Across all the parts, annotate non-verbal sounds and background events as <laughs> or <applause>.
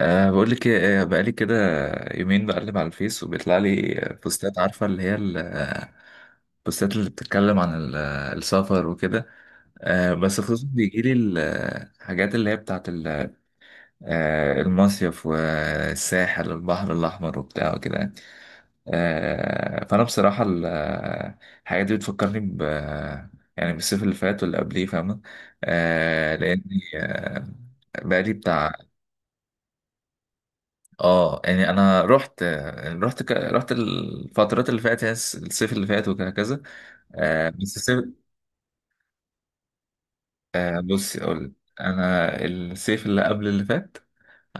بقول لك إيه، بقالي كده يومين بقلب على الفيس وبيطلع لي بوستات عارفة اللي هي ال- آه، البوستات اللي بتتكلم عن السفر وكده. بس خصوصا بيجي لي الحاجات اللي هي بتاعت المصيف والساحل والبحر الأحمر وبتاع وكده يعني. فأنا بصراحة الحاجات دي بتفكرني يعني بالصيف اللي فات واللي قبليه، فاهمة؟ أه لأني آه، بقالي بتاع. اه يعني انا رحت الفترات اللي فاتت، يعني الصيف اللي فات وكذا. آه بس الصيف آه بصي اقول لك. انا الصيف اللي قبل اللي فات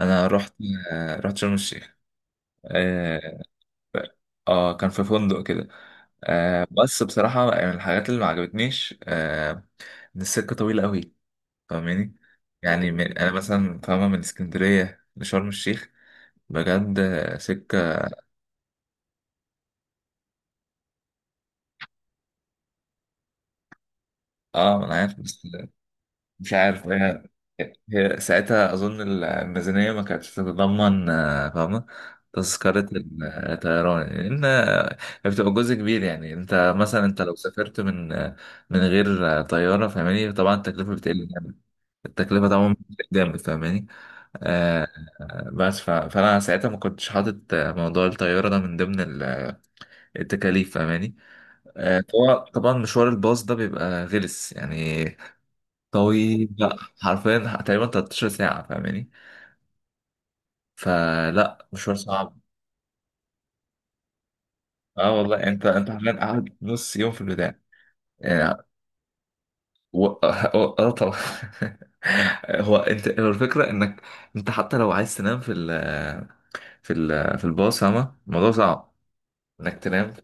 انا رحت، رحت شرم الشيخ. آه اه كان في فندق كده. بس بصراحة يعني من الحاجات اللي ما عجبتنيش ان السكة طويلة قوي، فاهماني؟ انا مثلا فاهمة من اسكندرية لشرم الشيخ بجد سكة. اه انا عارف بس مش عارف يعني. هي ساعتها أظن الميزانية ما كانتش تتضمن فاهمة، تذكرة الطيران، لأن بتبقى جزء كبير. يعني أنت مثلا أنت لو سافرت من غير طيارة، فاهماني؟ طبعا التكلفة بتقل جامد. التكلفة طبعا بتقل جامد، فاهماني؟ آه، بس فأنا ساعتها ما كنتش حاطط موضوع الطيارة ده من ضمن التكاليف، فاهماني؟ فهو طبعا مشوار الباص ده بيبقى غلس يعني، طويل بقى حرفيا تقريبا 13 ساعة، فاهماني؟ فلا، مشوار صعب. اه والله انت حرفيا قاعد نص يوم في البداية يعني. و... اه آه طبعا. <laughs> هو انت هو الفكرة انك انت حتى لو عايز تنام في في الباص، فاهمة؟ الموضوع صعب انك تنام.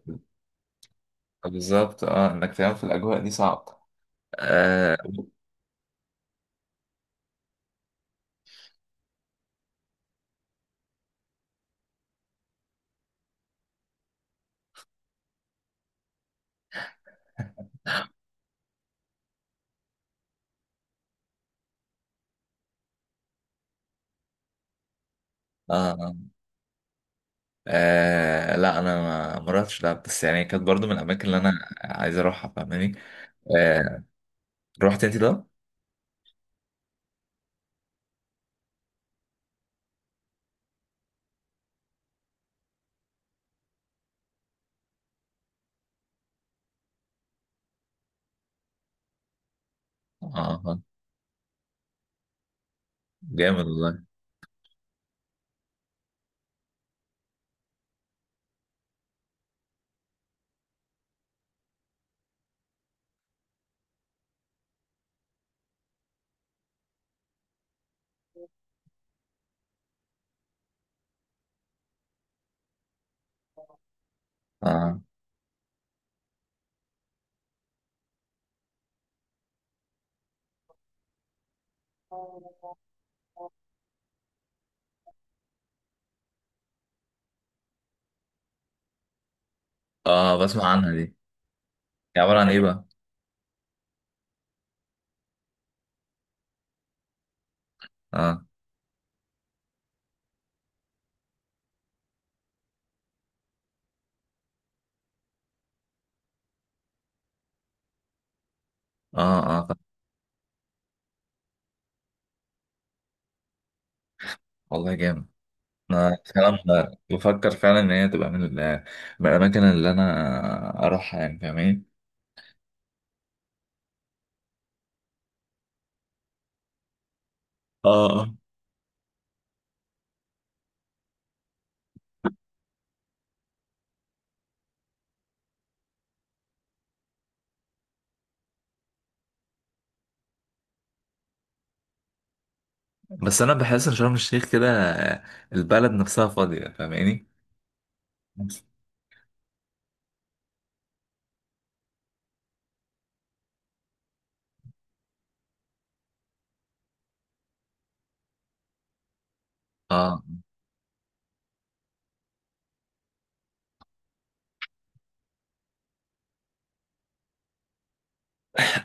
بالظبط، انك تنام في الاجواء دي صعب. آه آه لا انا ما رحتش دهب، بس يعني كانت برضو من الاماكن اللي انا عايز اروحها، فاهماني؟ آه رحت انت ده؟ اه جامد والله. اه اه بسمع عنها دي. هي عبارة عن ايه بقى؟ اه اه طب والله جامد. انا فعلا بفكر فعلا ان هي تبقى من من الاماكن اللي انا اروحها يعني، فاهماني؟ اه اه بس انا بحس ان شرم الشيخ كده البلد نفسها فاضية، فاهماني؟ بس. اه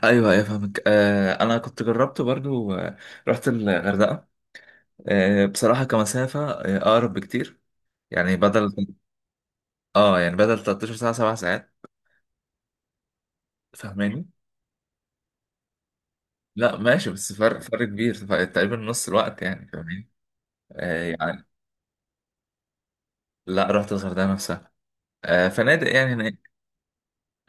ايوه ايوه فاهمك. انا كنت جربت برضو رحت الغردقه. بصراحه كمسافه اقرب بكتير، يعني بدل اه يعني بدل 13 ساعه 7 ساعات، فاهماني؟ لا ماشي، بس فرق كبير، فرق تقريبا نص الوقت يعني، فاهمين؟ آه يعني لا رحت الغردقة نفسها. فنادق يعني هناك.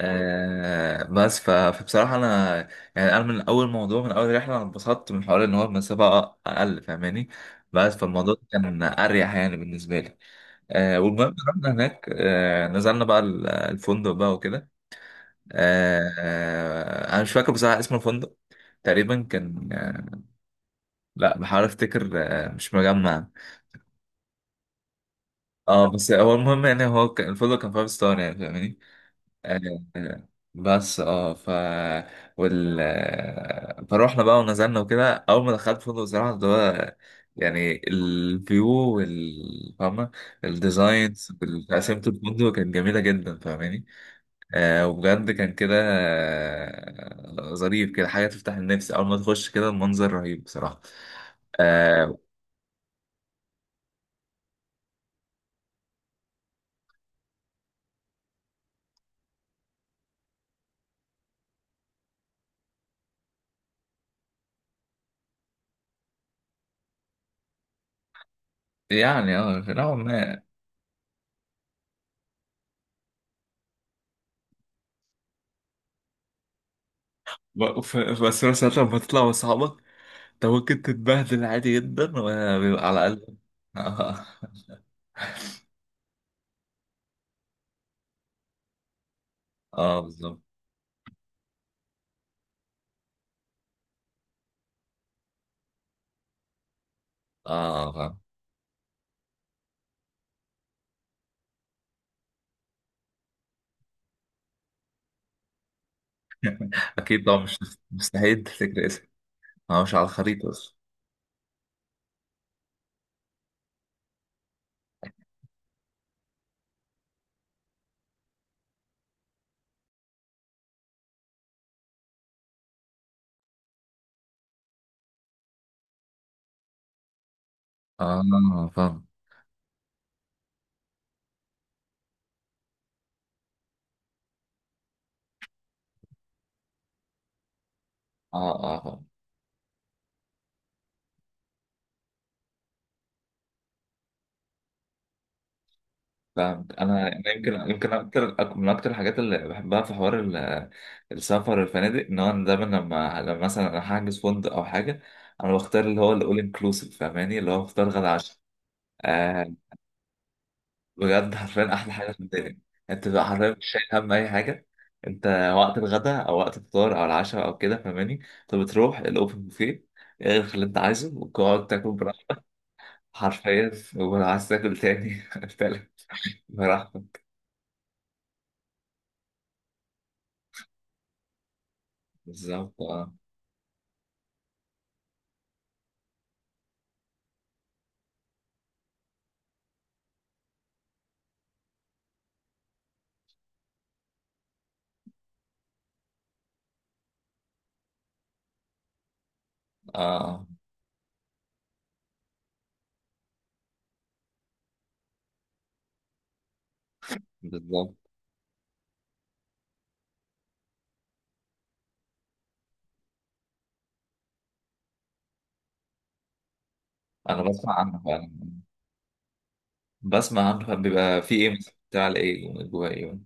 بس فبصراحة أنا يعني أنا من أول موضوع، من أول رحلة أنا اتبسطت من حوار إن هو المسافة أقل، فاهماني؟ بس فالموضوع كان أريح يعني بالنسبة لي. والمهم رحنا هناك، نزلنا بقى الفندق بقى وكده. أنا مش فاكر بصراحة اسم الفندق. تقريبا كان لا، بحاول أفتكر. مش مجمع. اه بس هو المهم يعني هو كان الفندق كان فايف ستار يعني، فاهماني؟ آه، آه، بس اه ف وال آه، فروحنا بقى ونزلنا وكده. اول ما دخلت الفندق صراحه، اللي هو يعني الفيو فاهمه، الديزاينز وتقسيمه الفندق كانت جميله جدا، فاهماني؟ وبجد كان كده ظريف كده، حاجه تفتح النفس. اول ما تخش كده المنظر رهيب بصراحه. آه يعني نوعا ما. بس مثلا لما تطلع مع اصحابك انت ممكن تتبهدل عادي جدا، وبيبقى على الاقل. اه اه بالظبط. اه فاهم. اكيد طبعا، مش مستحيل تفتكر اسم. اه مش على الخريطه بس. اه فاهم اه اه فاهم. فاهمك. أنا يمكن من اكتر الحاجات اللي بحبها في حوار السفر، الفنادق ان هو أنا دايما لما مثلا انا هحجز فندق او حاجه انا بختار اللي هو الاول انكلوسيف، فاهماني؟ اللي هو بختار غدا عشاء. آه، بجد حرفيا احلى حاجه في الدنيا. انت بقى حرفيا مش شايل هم اي حاجه. انت وقت الغداء او وقت الفطار او العشاء او كده، فاهماني؟ انت بتروح الاوبن بوفيه، اخد اللي انت عايزه وتقعد تاكل براحتك. حرفيا ولو عايز تاكل تاني <laughs> تالت، براحتك. بالظبط. اه اه آه، بالظبط. انا بسمع عنه فعلا. بسمع عنه فعلا. بيبى في ايه مثلا، بتاع ايه جوه ايه؟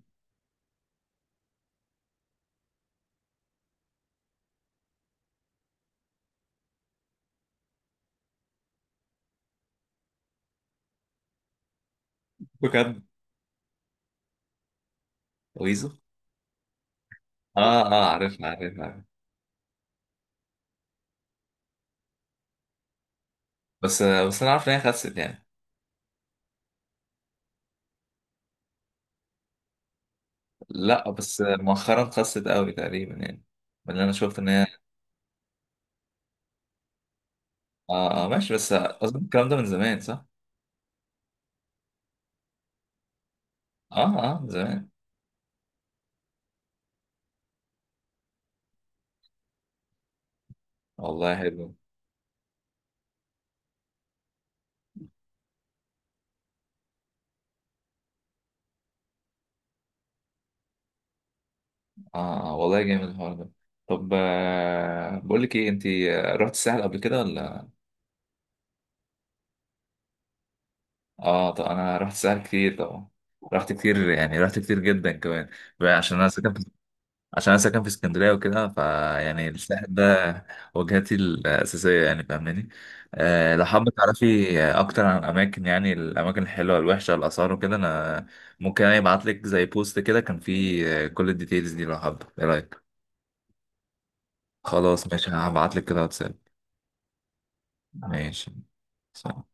بجد، ويزو؟ اه عارف عارف عارف. بس بس انا عارف ان هي خست يعني. لا بس مؤخرا خست قوي تقريبا يعني، من اللي انا شفت ان هي. ماشي، بس اظن الكلام ده من زمان صح؟ اه اه من زمان. والله حلو. والله جامد الحوار ده. طب بقول لك ايه، انت رحت الساحل قبل كده ولا؟ اه طب انا رحت الساحل كتير طبعا، رحت كتير يعني، رحت كتير جدا كمان بقى. عشان انا ساكن في اسكندريه وكده، فيعني الساحل ده وجهتي الاساسيه يعني، فاهماني؟ أه لو حابه تعرفي اكتر عن الاماكن، يعني الاماكن الحلوه الوحشه الاثار وكده، انا ممكن يعني ابعت لك زي بوست كده كان فيه كل الديتيلز دي لو حابه. ايه رايك؟ خلاص ماشي، هبعت لك كده واتساب. ماشي، سلام.